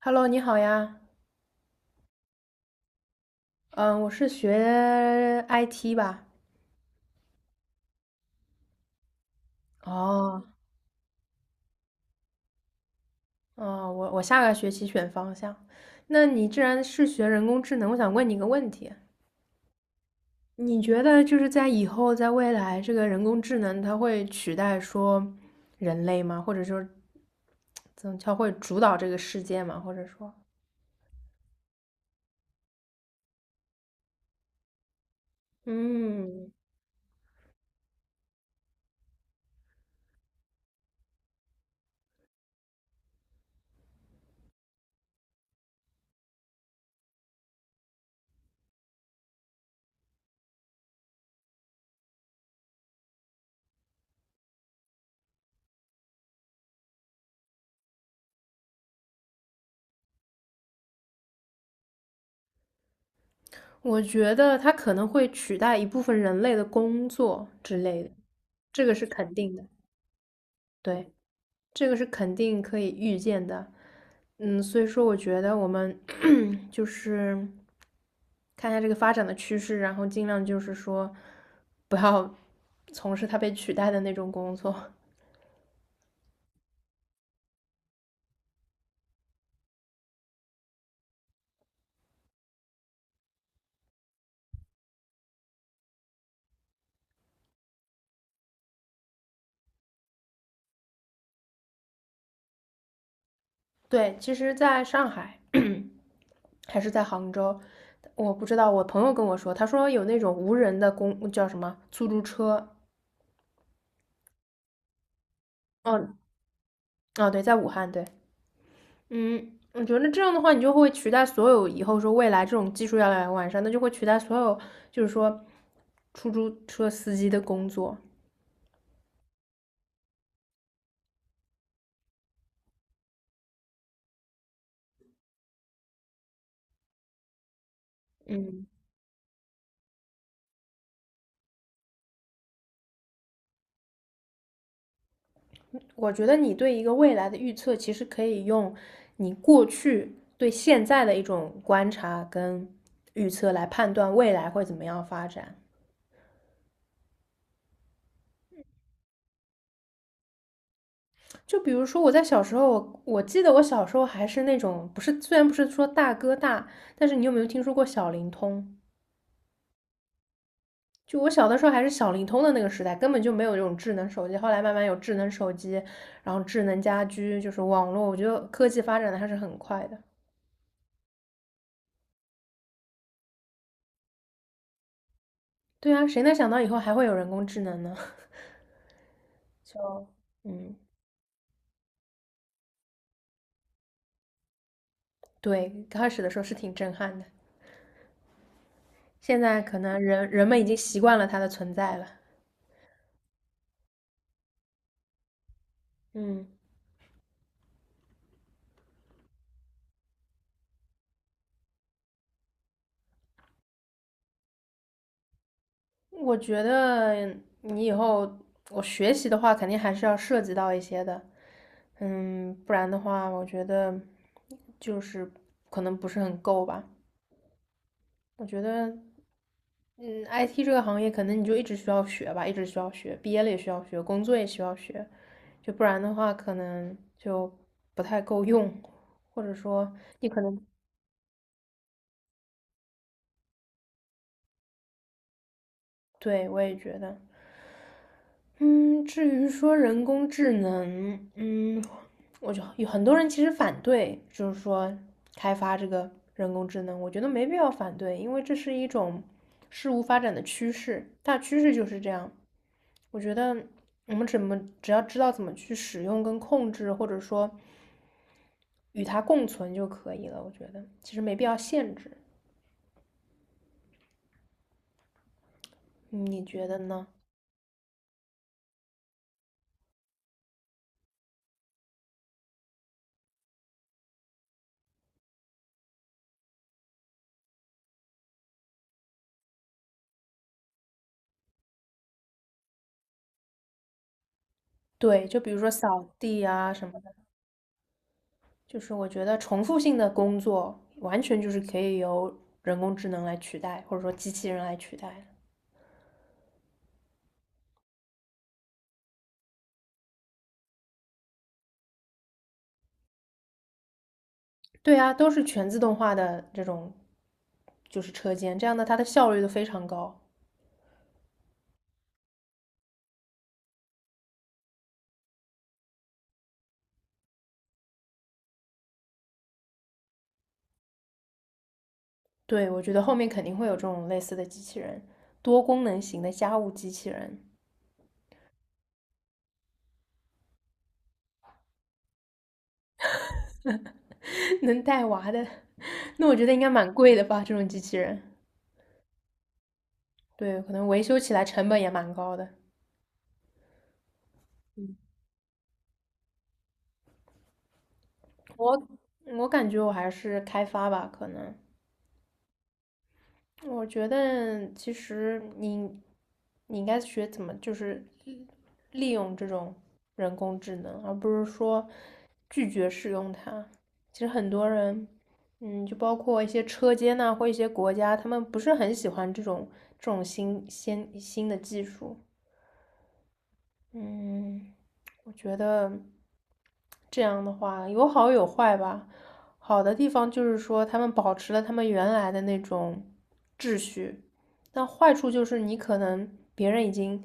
Hello，你好呀。嗯，我是学 IT 吧。哦，哦，我下个学期选方向。那你既然是学人工智能，我想问你一个问题：你觉得就是在以后，在未来，这个人工智能它会取代说人类吗？或者说，怎么它会主导这个世界吗？或者说，嗯，我觉得它可能会取代一部分人类的工作之类的，这个是肯定的。对。这个是肯定可以预见的。嗯，所以说我觉得我们 就是看一下这个发展的趋势，然后尽量就是说不要 从事它被取代的那种工作。对，其实在上海还是在杭州，我不知道，我朋友跟我说，他说有那种无人的公叫什么出租车。哦哦，对，在武汉，对，嗯，我觉得这样的话，你就会取代所有以后说未来这种技术要来越完善，那就会取代所有，就是说出租车司机的工作。嗯，我觉得你对一个未来的预测，其实可以用你过去对现在的一种观察跟预测来判断未来会怎么样发展。就比如说我在小时候，我记得我小时候还是那种不是，虽然不是说大哥大，但是你有没有听说过小灵通？就我小的时候还是小灵通的那个时代，根本就没有这种智能手机。后来慢慢有智能手机，然后智能家居，就是网络，我觉得科技发展的还是很快的。对啊，谁能想到以后还会有人工智能呢？就，嗯，对，刚开始的时候是挺震撼的，现在可能人们已经习惯了它的存在了。嗯，我觉得你以后我学习的话，肯定还是要涉及到一些的，嗯，不然的话，我觉得就是可能不是很够吧。我觉得嗯，IT 这个行业可能你就一直需要学吧，一直需要学，毕业了也需要学，工作也需要学，就不然的话可能就不太够用，或者说你可能，对，我也觉得，嗯，至于说人工智能，嗯，我就有很多人其实反对，就是说开发这个人工智能，我觉得没必要反对，因为这是一种事物发展的趋势，大趋势就是这样。我觉得我们怎么只要知道怎么去使用跟控制，或者说与它共存就可以了。我觉得其实没必要限制，嗯你觉得呢？对，就比如说扫地啊什么的，就是我觉得重复性的工作完全就是可以由人工智能来取代，或者说机器人来取代的对啊，都是全自动化的这种，就是车间，这样的它的效率都非常高。对，我觉得后面肯定会有这种类似的机器人，多功能型的家务机器人。能带娃的，那我觉得应该蛮贵的吧，这种机器人。对，可能维修起来成本也蛮高的。嗯我我感觉我还是开发吧，可能。我觉得其实你应该学怎么就是利用这种人工智能，而不是说拒绝使用它。其实很多人，嗯，就包括一些车间呐、或一些国家，他们不是很喜欢这种这种新的技术。嗯，我觉得这样的话有好有坏吧。好的地方就是说，他们保持了他们原来的那种秩序，但坏处就是你可能别人已经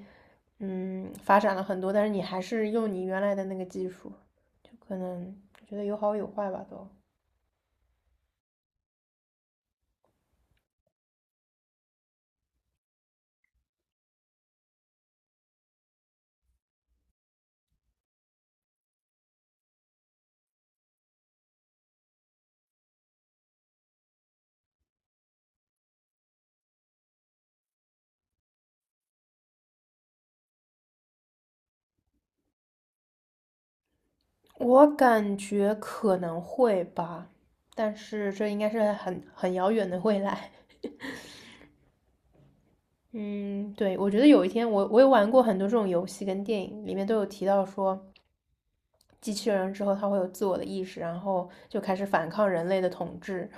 嗯发展了很多，但是你还是用你原来的那个技术，就可能我觉得有好有坏吧都。我感觉可能会吧，但是这应该是很遥远的未来。嗯，对，我觉得有一天我也玩过很多这种游戏跟电影，里面都有提到说，机器人之后它会有自我的意识，然后就开始反抗人类的统治。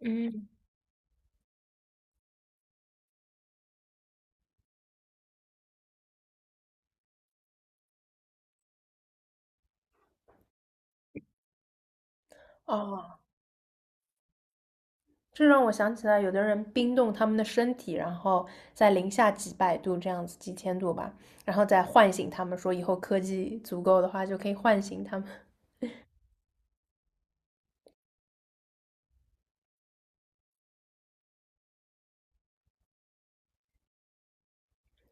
嗯，哦，这让我想起来，有的人冰冻他们的身体，然后在零下几百度这样子，几千度吧，然后再唤醒他们，说以后科技足够的话就可以唤醒他们。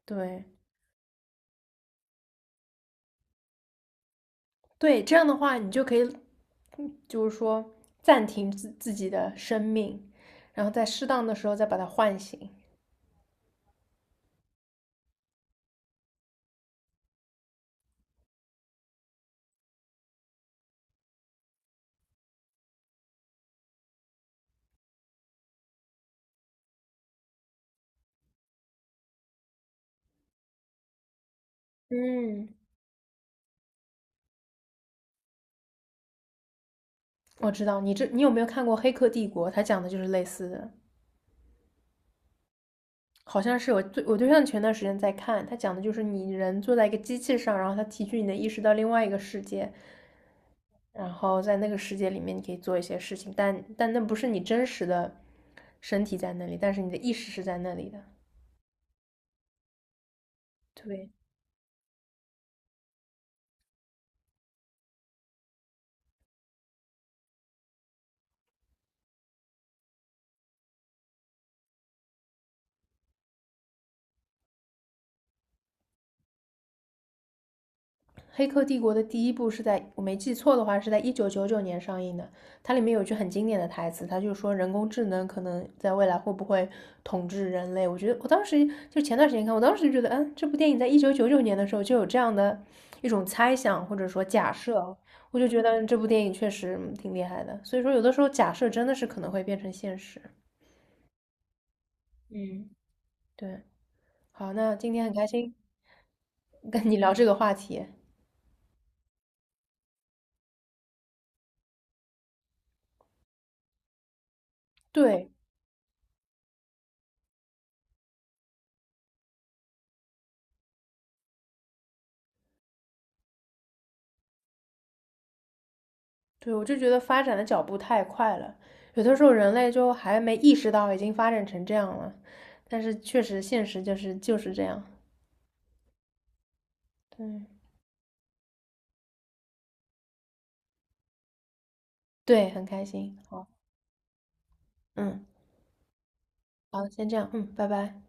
对，对，这样的话，你就可以，嗯就是说暂停自己的生命，然后在适当的时候再把它唤醒。嗯，我知道你这，你有没有看过《黑客帝国》？它讲的就是类似的，好像是我对我对象前段时间在看，他讲的就是你人坐在一个机器上，然后他提取你的意识到另外一个世界，然后在那个世界里面你可以做一些事情，但那不是你真实的身体在那里，但是你的意识是在那里的。对。黑客帝国》的第一部是在我没记错的话是在一九九九年上映的，它里面有一句很经典的台词，它就说人工智能可能在未来会不会统治人类？我觉得我当时就前段时间看，我当时就觉得，嗯，这部电影在一九九九年的时候就有这样的一种猜想或者说假设，我就觉得这部电影确实嗯挺厉害的。所以说，有的时候假设真的是可能会变成现实。嗯对，好，那今天很开心跟你聊这个话题。对，对，我就觉得发展的脚步太快了，有的时候人类就还没意识到已经发展成这样了，但是确实现实就是这样。对对，很开心。好，嗯，好，先这样，嗯，拜拜。